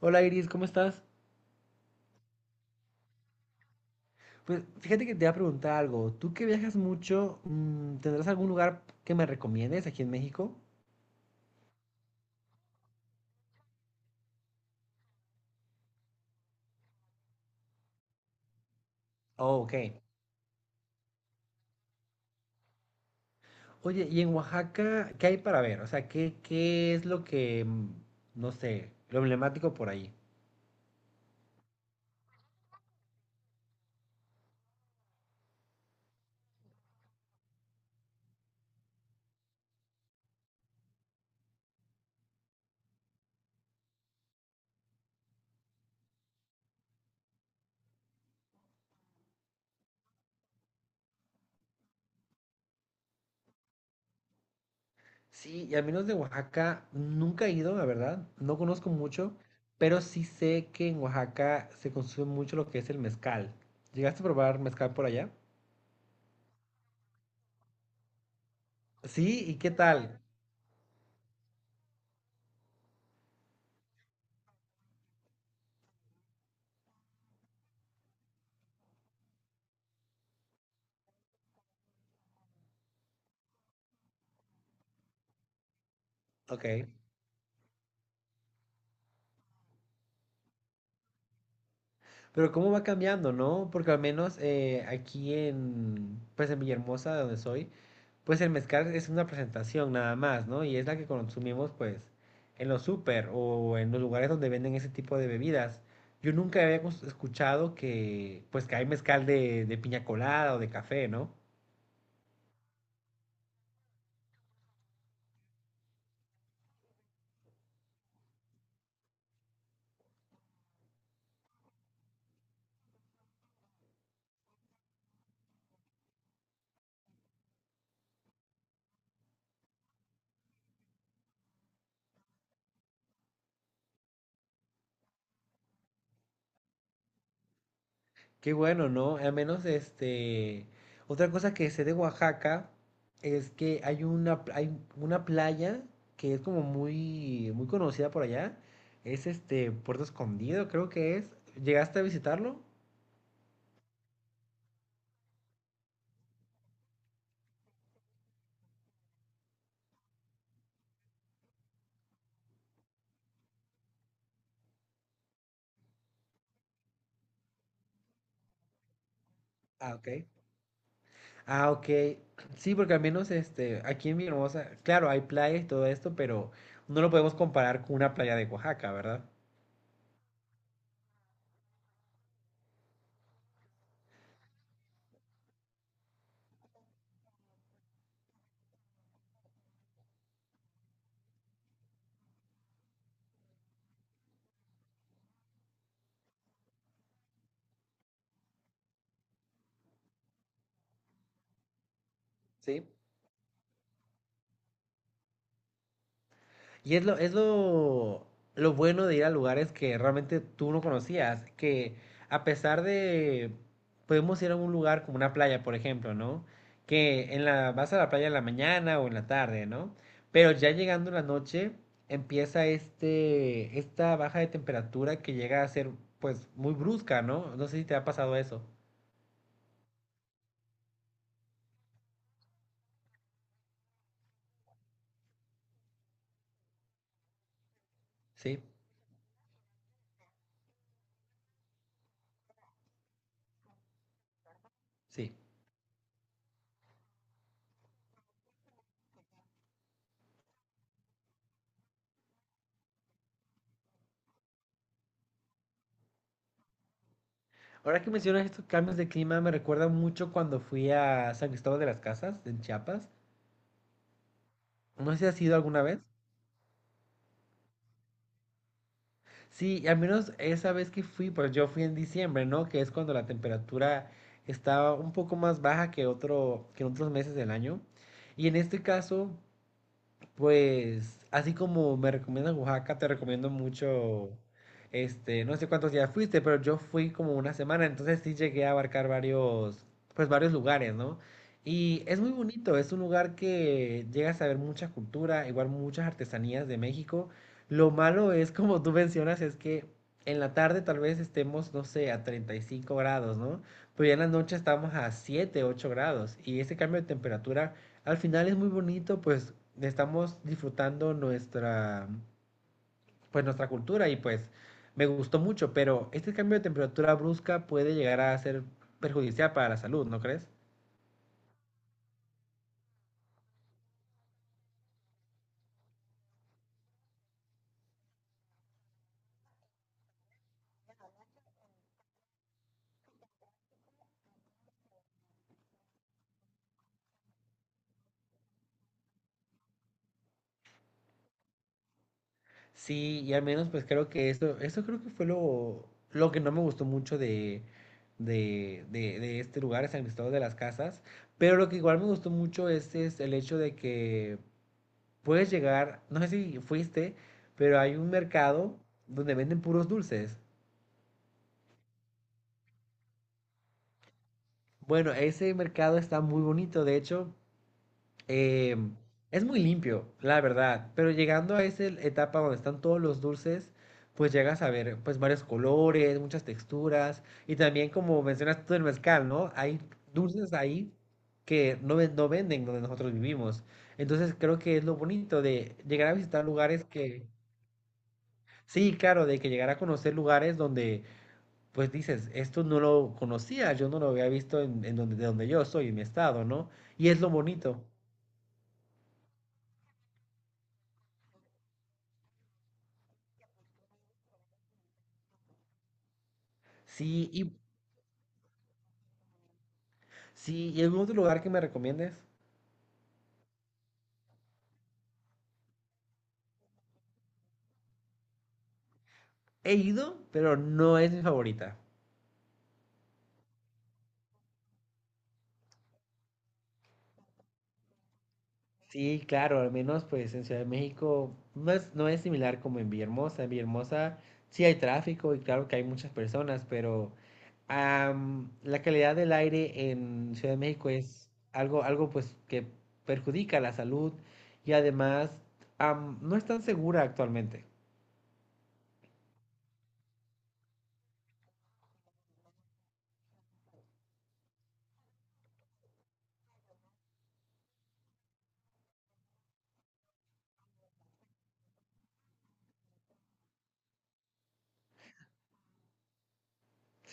Hola, Iris, ¿cómo estás? Pues fíjate que te voy a preguntar algo. Tú que viajas mucho, ¿tendrás algún lugar que me recomiendes aquí en México? Oh, ok. Oye, ¿y en Oaxaca qué hay para ver? O sea, ¿qué es lo que, no sé, lo emblemático por ahí? Sí, y al menos de Oaxaca nunca he ido, la verdad. No conozco mucho, pero sí sé que en Oaxaca se consume mucho lo que es el mezcal. ¿Llegaste a probar mezcal por allá? Sí, ¿y qué tal? Ok. Pero cómo va cambiando, ¿no? Porque al menos aquí en, pues en Villahermosa, de donde soy, pues el mezcal es una presentación nada más, ¿no? Y es la que consumimos, pues, en los súper o en los lugares donde venden ese tipo de bebidas. Yo nunca escuchado que, pues, que hay mezcal de, piña colada o de café, ¿no? Qué bueno, ¿no? Al menos este. Otra cosa que sé de Oaxaca es que hay una playa que es como muy, muy conocida por allá. Es este Puerto Escondido, creo que es. ¿Llegaste a visitarlo? Ah, ok. Ah, ok. Sí, porque al menos este, aquí en Villahermosa, claro, hay playas y todo esto, pero no lo podemos comparar con una playa de Oaxaca, ¿verdad? Sí. Y es lo, es lo, lo bueno de ir a lugares que realmente tú no conocías, que a pesar de, podemos ir a un lugar como una playa, por ejemplo, ¿no? Que en la, vas a la playa en la mañana o en la tarde, ¿no? Pero ya llegando la noche, empieza este, esta baja de temperatura que llega a ser, pues, muy brusca, ¿no? No sé si te ha pasado eso. Sí, sí. Ahora que mencionas estos cambios de clima, me recuerda mucho cuando fui a San Cristóbal de las Casas, en Chiapas. No sé si has ido alguna vez. Sí, y al menos esa vez que fui, pues yo fui en diciembre, ¿no? Que es cuando la temperatura estaba un poco más baja que otro, que en otros meses del año. Y en este caso, pues, así como me recomiendan Oaxaca, te recomiendo mucho, este, no sé cuántos días fuiste, pero yo fui como una semana, entonces sí llegué a abarcar varios, pues varios lugares, ¿no? Y es muy bonito, es un lugar que llegas a ver mucha cultura, igual muchas artesanías de México. Lo malo es, como tú mencionas, es que en la tarde tal vez estemos, no sé, a 35 grados, ¿no? Pero ya en la noche estamos a 7 8 grados y ese cambio de temperatura al final es muy bonito, pues estamos disfrutando nuestra, pues nuestra cultura y pues me gustó mucho, pero este cambio de temperatura brusca puede llegar a ser perjudicial para la salud, ¿no crees? Sí, y al menos pues creo que eso creo que fue lo que no me gustó mucho de este lugar, de San Cristóbal de las Casas, pero lo que igual me gustó mucho es el hecho de que puedes llegar, no sé si fuiste, pero hay un mercado donde venden puros dulces. Bueno, ese mercado está muy bonito, de hecho, eh, es muy limpio, la verdad, pero llegando a esa etapa donde están todos los dulces, pues llegas a ver, pues, varios colores, muchas texturas y también como mencionas tú el mezcal, ¿no? Hay dulces ahí que no venden donde nosotros vivimos. Entonces creo que es lo bonito de llegar a visitar lugares que, sí, claro, de que llegar a conocer lugares donde pues dices, esto no lo conocía, yo no lo había visto en, donde, de donde yo soy, en mi estado, ¿no? Y es lo bonito. Sí, y sí, ¿y algún otro lugar que me recomiendes? He ido, pero no es mi favorita. Sí, claro, al menos pues en Ciudad de México no es similar como en Villahermosa. En Villahermosa sí hay tráfico y claro que hay muchas personas, pero la calidad del aire en Ciudad de México es algo pues que perjudica la salud y además no es tan segura actualmente.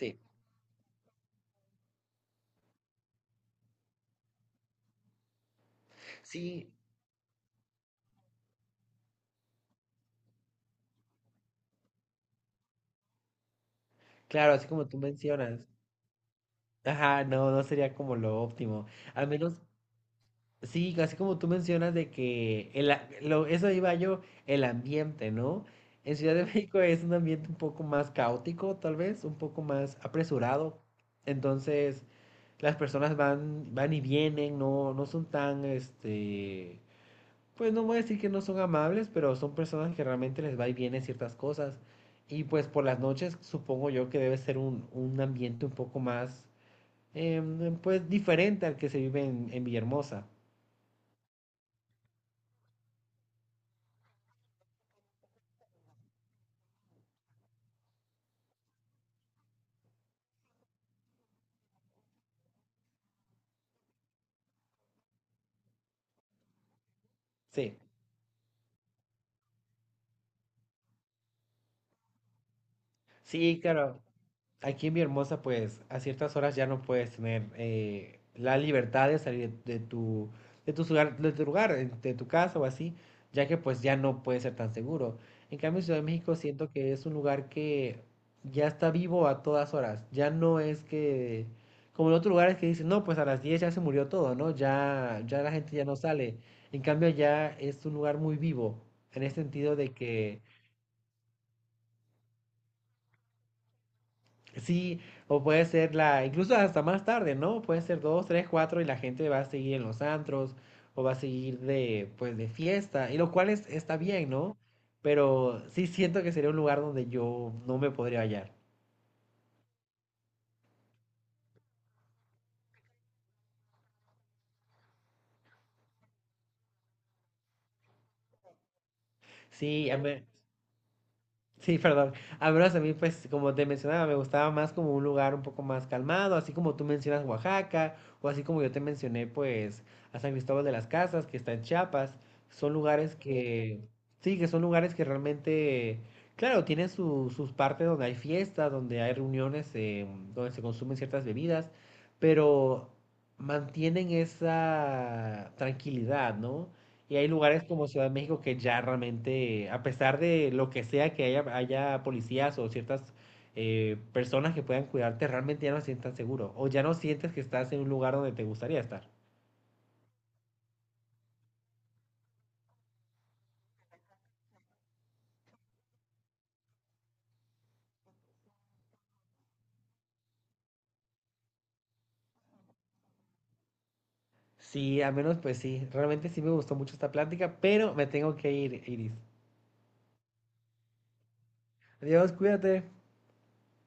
Sí, sí, claro, así como tú mencionas. Ajá, no, no sería como lo óptimo. Al menos sí, así como tú mencionas de que el, lo, eso iba yo, el ambiente, ¿no? En Ciudad de México es un ambiente un poco más caótico, tal vez, un poco más apresurado. Entonces, las personas van y vienen, no son tan, este, pues no voy a decir que no son amables, pero son personas que realmente les va y viene ciertas cosas. Y pues por las noches supongo yo que debe ser un ambiente un poco más, pues diferente al que se vive en, Villahermosa. Sí. Sí, claro. Aquí en Mi Hermosa, pues a ciertas horas ya no puedes tener la libertad de salir de tu, de tu lugar, de tu casa o así, ya que pues ya no puede ser tan seguro. En cambio, Ciudad de México siento que es un lugar que ya está vivo a todas horas. Ya no es que, como en otros lugares que dicen, no, pues a las 10 ya se murió todo, ¿no? Ya, ya la gente ya no sale. En cambio, ya es un lugar muy vivo, en el sentido de que sí, o puede ser la, incluso hasta más tarde, ¿no? Puede ser dos, tres, cuatro y la gente va a seguir en los antros o va a seguir de, pues, de fiesta, y lo cual es, está bien, ¿no? Pero sí siento que sería un lugar donde yo no me podría hallar. Sí, sí, perdón. Al menos a mí, pues, como te mencionaba, me gustaba más como un lugar un poco más calmado, así como tú mencionas Oaxaca, o así como yo te mencioné, pues, a San Cristóbal de las Casas, que está en Chiapas. Son lugares que, sí, que son lugares que realmente, claro, tienen sus partes donde hay fiestas, donde hay reuniones, donde se consumen ciertas bebidas, pero mantienen esa tranquilidad, ¿no? Y hay lugares como Ciudad de México que ya realmente, a pesar de lo que sea que haya, haya policías o ciertas personas que puedan cuidarte, realmente ya no te sientes tan seguro o ya no sientes que estás en un lugar donde te gustaría estar. Sí, al menos pues sí, realmente sí me gustó mucho esta plática, pero me tengo que ir, Iris. Adiós, cuídate.